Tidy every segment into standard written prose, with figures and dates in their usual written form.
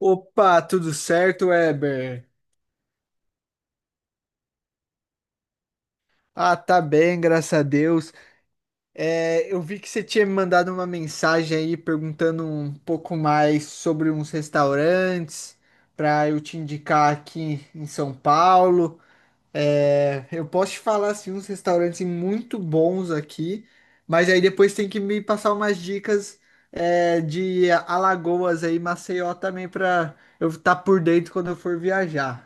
Opa, tudo certo, Weber? Ah, tá bem, graças a Deus. É, eu vi que você tinha me mandado uma mensagem aí perguntando um pouco mais sobre uns restaurantes para eu te indicar aqui em São Paulo. É, eu posso te falar assim, uns restaurantes muito bons aqui, mas aí depois tem que me passar umas dicas de Alagoas aí, Maceió também para eu estar por dentro quando eu for viajar.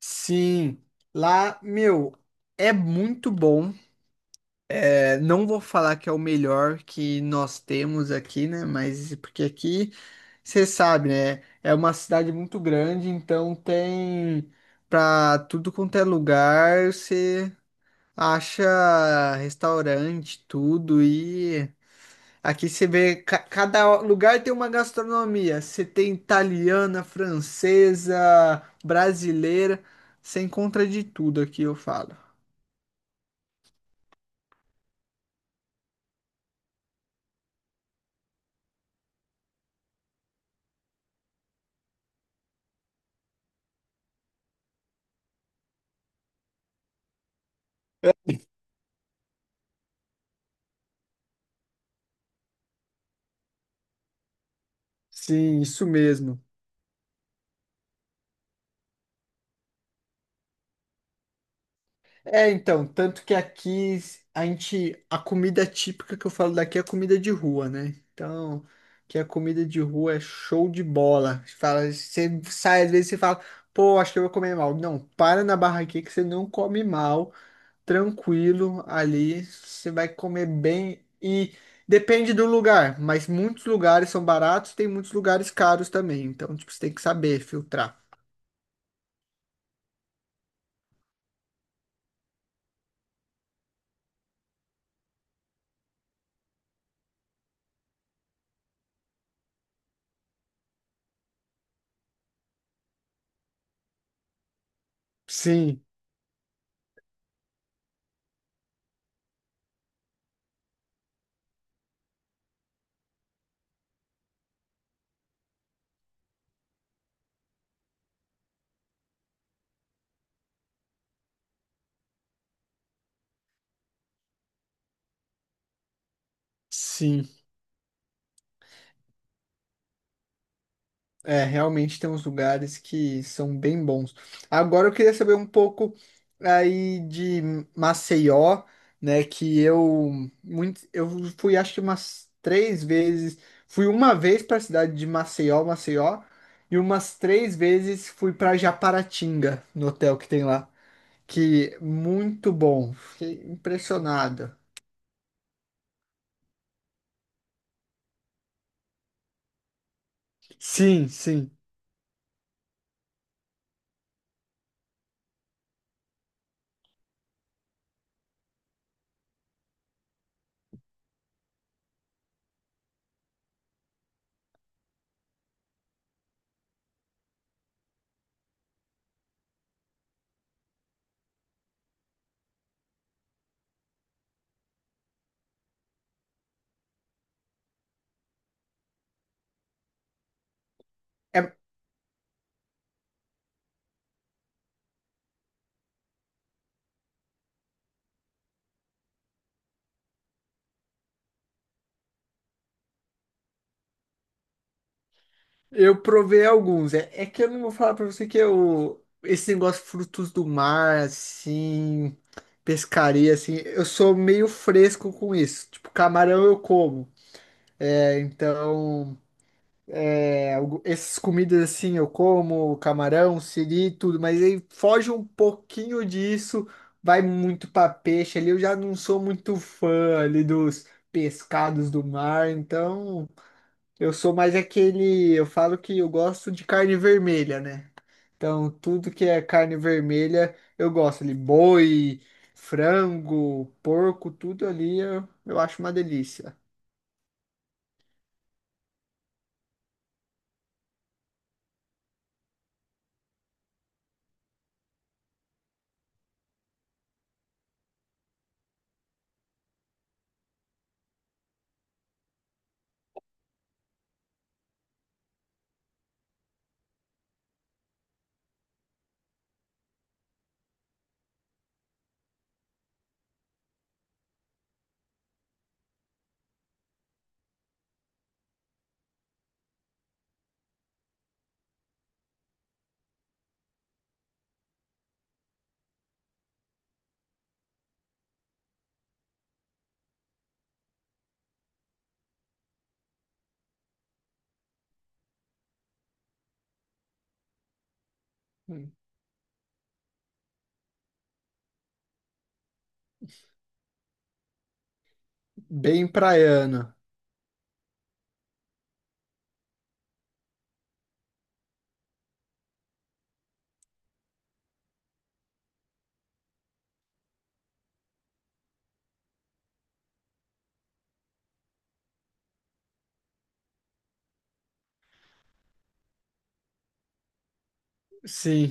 Sim, lá, meu, é muito bom. É, não vou falar que é o melhor que nós temos aqui, né? Mas porque aqui, você sabe, né? É uma cidade muito grande, então tem pra tudo quanto é lugar, você acha restaurante, tudo e. Aqui você vê, cada lugar tem uma gastronomia. Você tem italiana, francesa, brasileira. Você encontra de tudo aqui, eu falo. Sim, isso mesmo. É, então, tanto que aqui a gente, a comida típica que eu falo daqui é comida de rua, né? Então, que a comida de rua é show de bola. Você sai às vezes e fala, pô, acho que eu vou comer mal. Não, para na barraquinha que você não come mal. Tranquilo ali, você vai comer bem e depende do lugar, mas muitos lugares são baratos, tem muitos lugares caros também, então tipo, você tem que saber filtrar. Sim, sim. É, realmente tem uns lugares que são bem bons. Agora eu queria saber um pouco aí de Maceió, né? Eu fui acho que umas três vezes. Fui uma vez para a cidade de Maceió, Maceió, e umas três vezes fui para Japaratinga, no hotel que tem lá, que muito bom. Fiquei impressionado. Sim, sim. Eu provei alguns. É, é que eu não vou falar pra você que eu. Esse negócio frutos do mar, assim. Pescaria, assim. Eu sou meio fresco com isso. Tipo, camarão eu como. É, então. Essas comidas, assim, eu como. Camarão, siri, tudo. Mas aí foge um pouquinho disso. Vai muito pra peixe ali. Eu já não sou muito fã ali dos pescados do mar. Então. Eu sou mais aquele. Eu falo que eu gosto de carne vermelha, né? Então, tudo que é carne vermelha, eu gosto ali. Boi, frango, porco, tudo ali eu acho uma delícia. Bem praiano. Sim,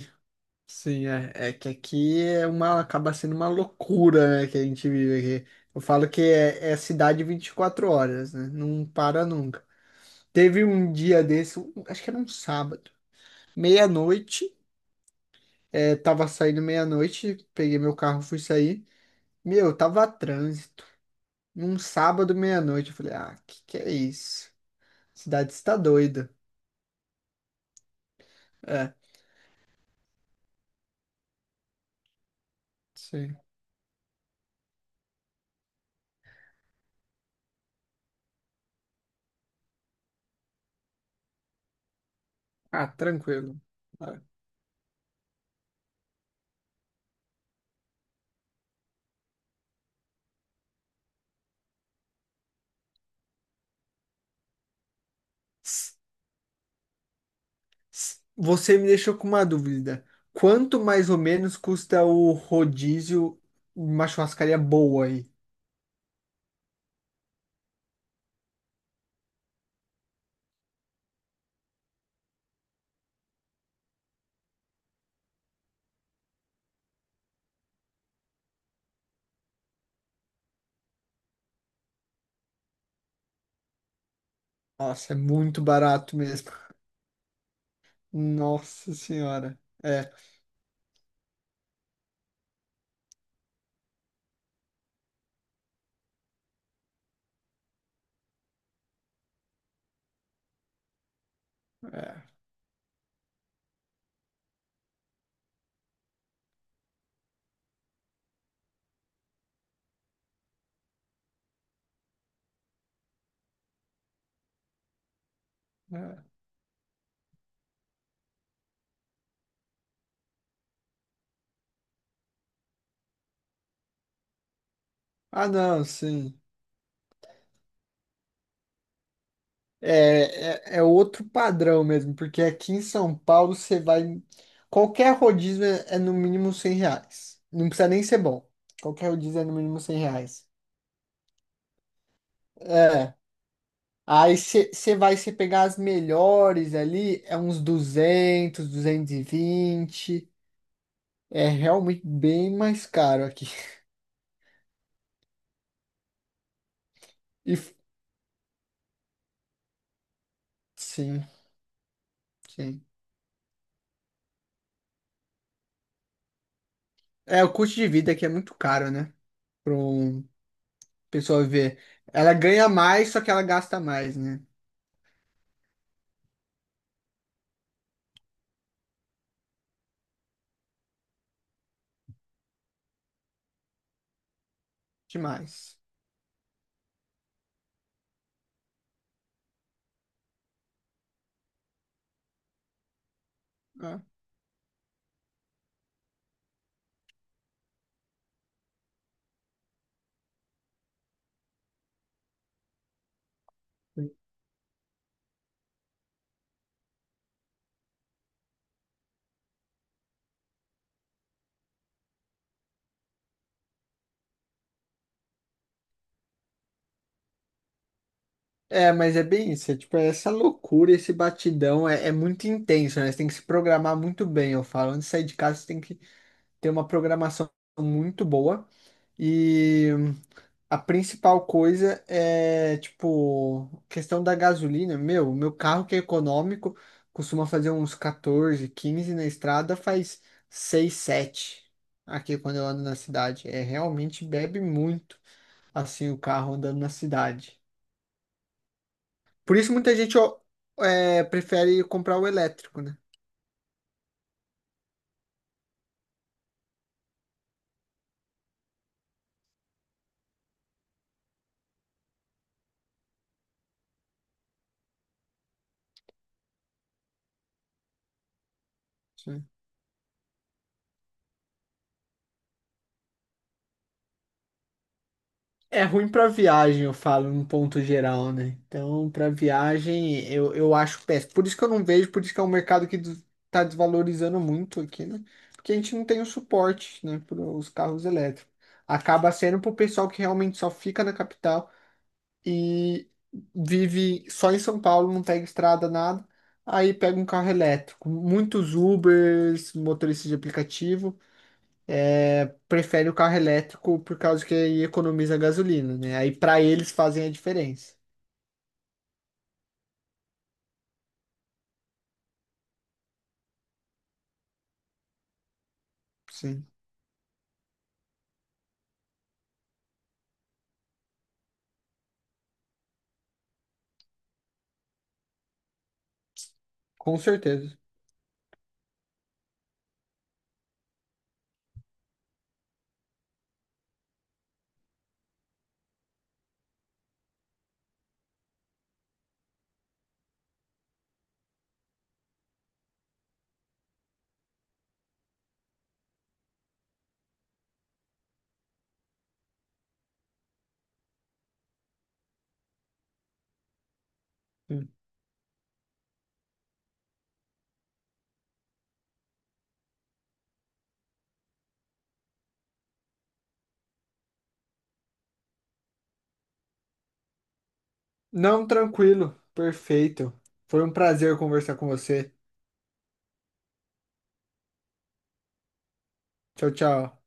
sim, é que aqui é uma, acaba sendo uma loucura, né, que a gente vive aqui. Eu falo que é cidade 24 horas, né? Não para nunca. Teve um dia desse, acho que era um sábado, meia-noite, tava saindo meia-noite, peguei meu carro, fui sair. Meu, tava trânsito. Num sábado meia-noite. Eu falei, ah, que é isso? Cidade está doida. É, sim. Ah, tranquilo. Ah, s- Você me deixou com uma dúvida. Quanto mais ou menos custa o rodízio em uma churrascaria boa aí? Nossa, é muito barato mesmo. Nossa senhora. É, é, é. Ah, não, sim. É outro padrão mesmo, porque aqui em São Paulo você vai. Qualquer rodízio é no mínimo R$ 100. Não precisa nem ser bom. Qualquer rodízio é no mínimo 100 reais. É. Aí você vai se pegar as melhores ali, é uns 200, 220, é realmente bem mais caro aqui. E, f- sim, sim. É, o custo de vida aqui é muito caro, né? Para um pessoa ver. Ela ganha mais, só que ela gasta mais, né? Demais. Ah, sim. É, mas é bem isso. É, tipo, é essa loucura, esse batidão é muito intenso, né? Você tem que se programar muito bem. Eu falo, antes de sair de casa, você tem que ter uma programação muito boa. E a principal coisa é, tipo, questão da gasolina. Meu, o meu carro que é econômico costuma fazer uns 14, 15 na estrada, faz 6, 7 aqui quando eu ando na cidade. É realmente bebe muito assim o carro andando na cidade. Por isso muita gente ó, prefere comprar o elétrico, né? Sim. É ruim para viagem, eu falo, num ponto geral, né? Então, para viagem, eu acho péssimo. Por isso que eu não vejo, por isso que é um mercado que tá desvalorizando muito aqui, né? Porque a gente não tem o suporte, né, para os carros elétricos. Acaba sendo para o pessoal que realmente só fica na capital e vive só em São Paulo, não pega estrada, nada. Aí pega um carro elétrico. Muitos Ubers, motoristas de aplicativo prefere o carro elétrico por causa que aí economiza gasolina, né? Aí para eles fazem a diferença. Sim, com certeza. Sim. Não, tranquilo, perfeito. Foi um prazer conversar com você. Tchau, tchau.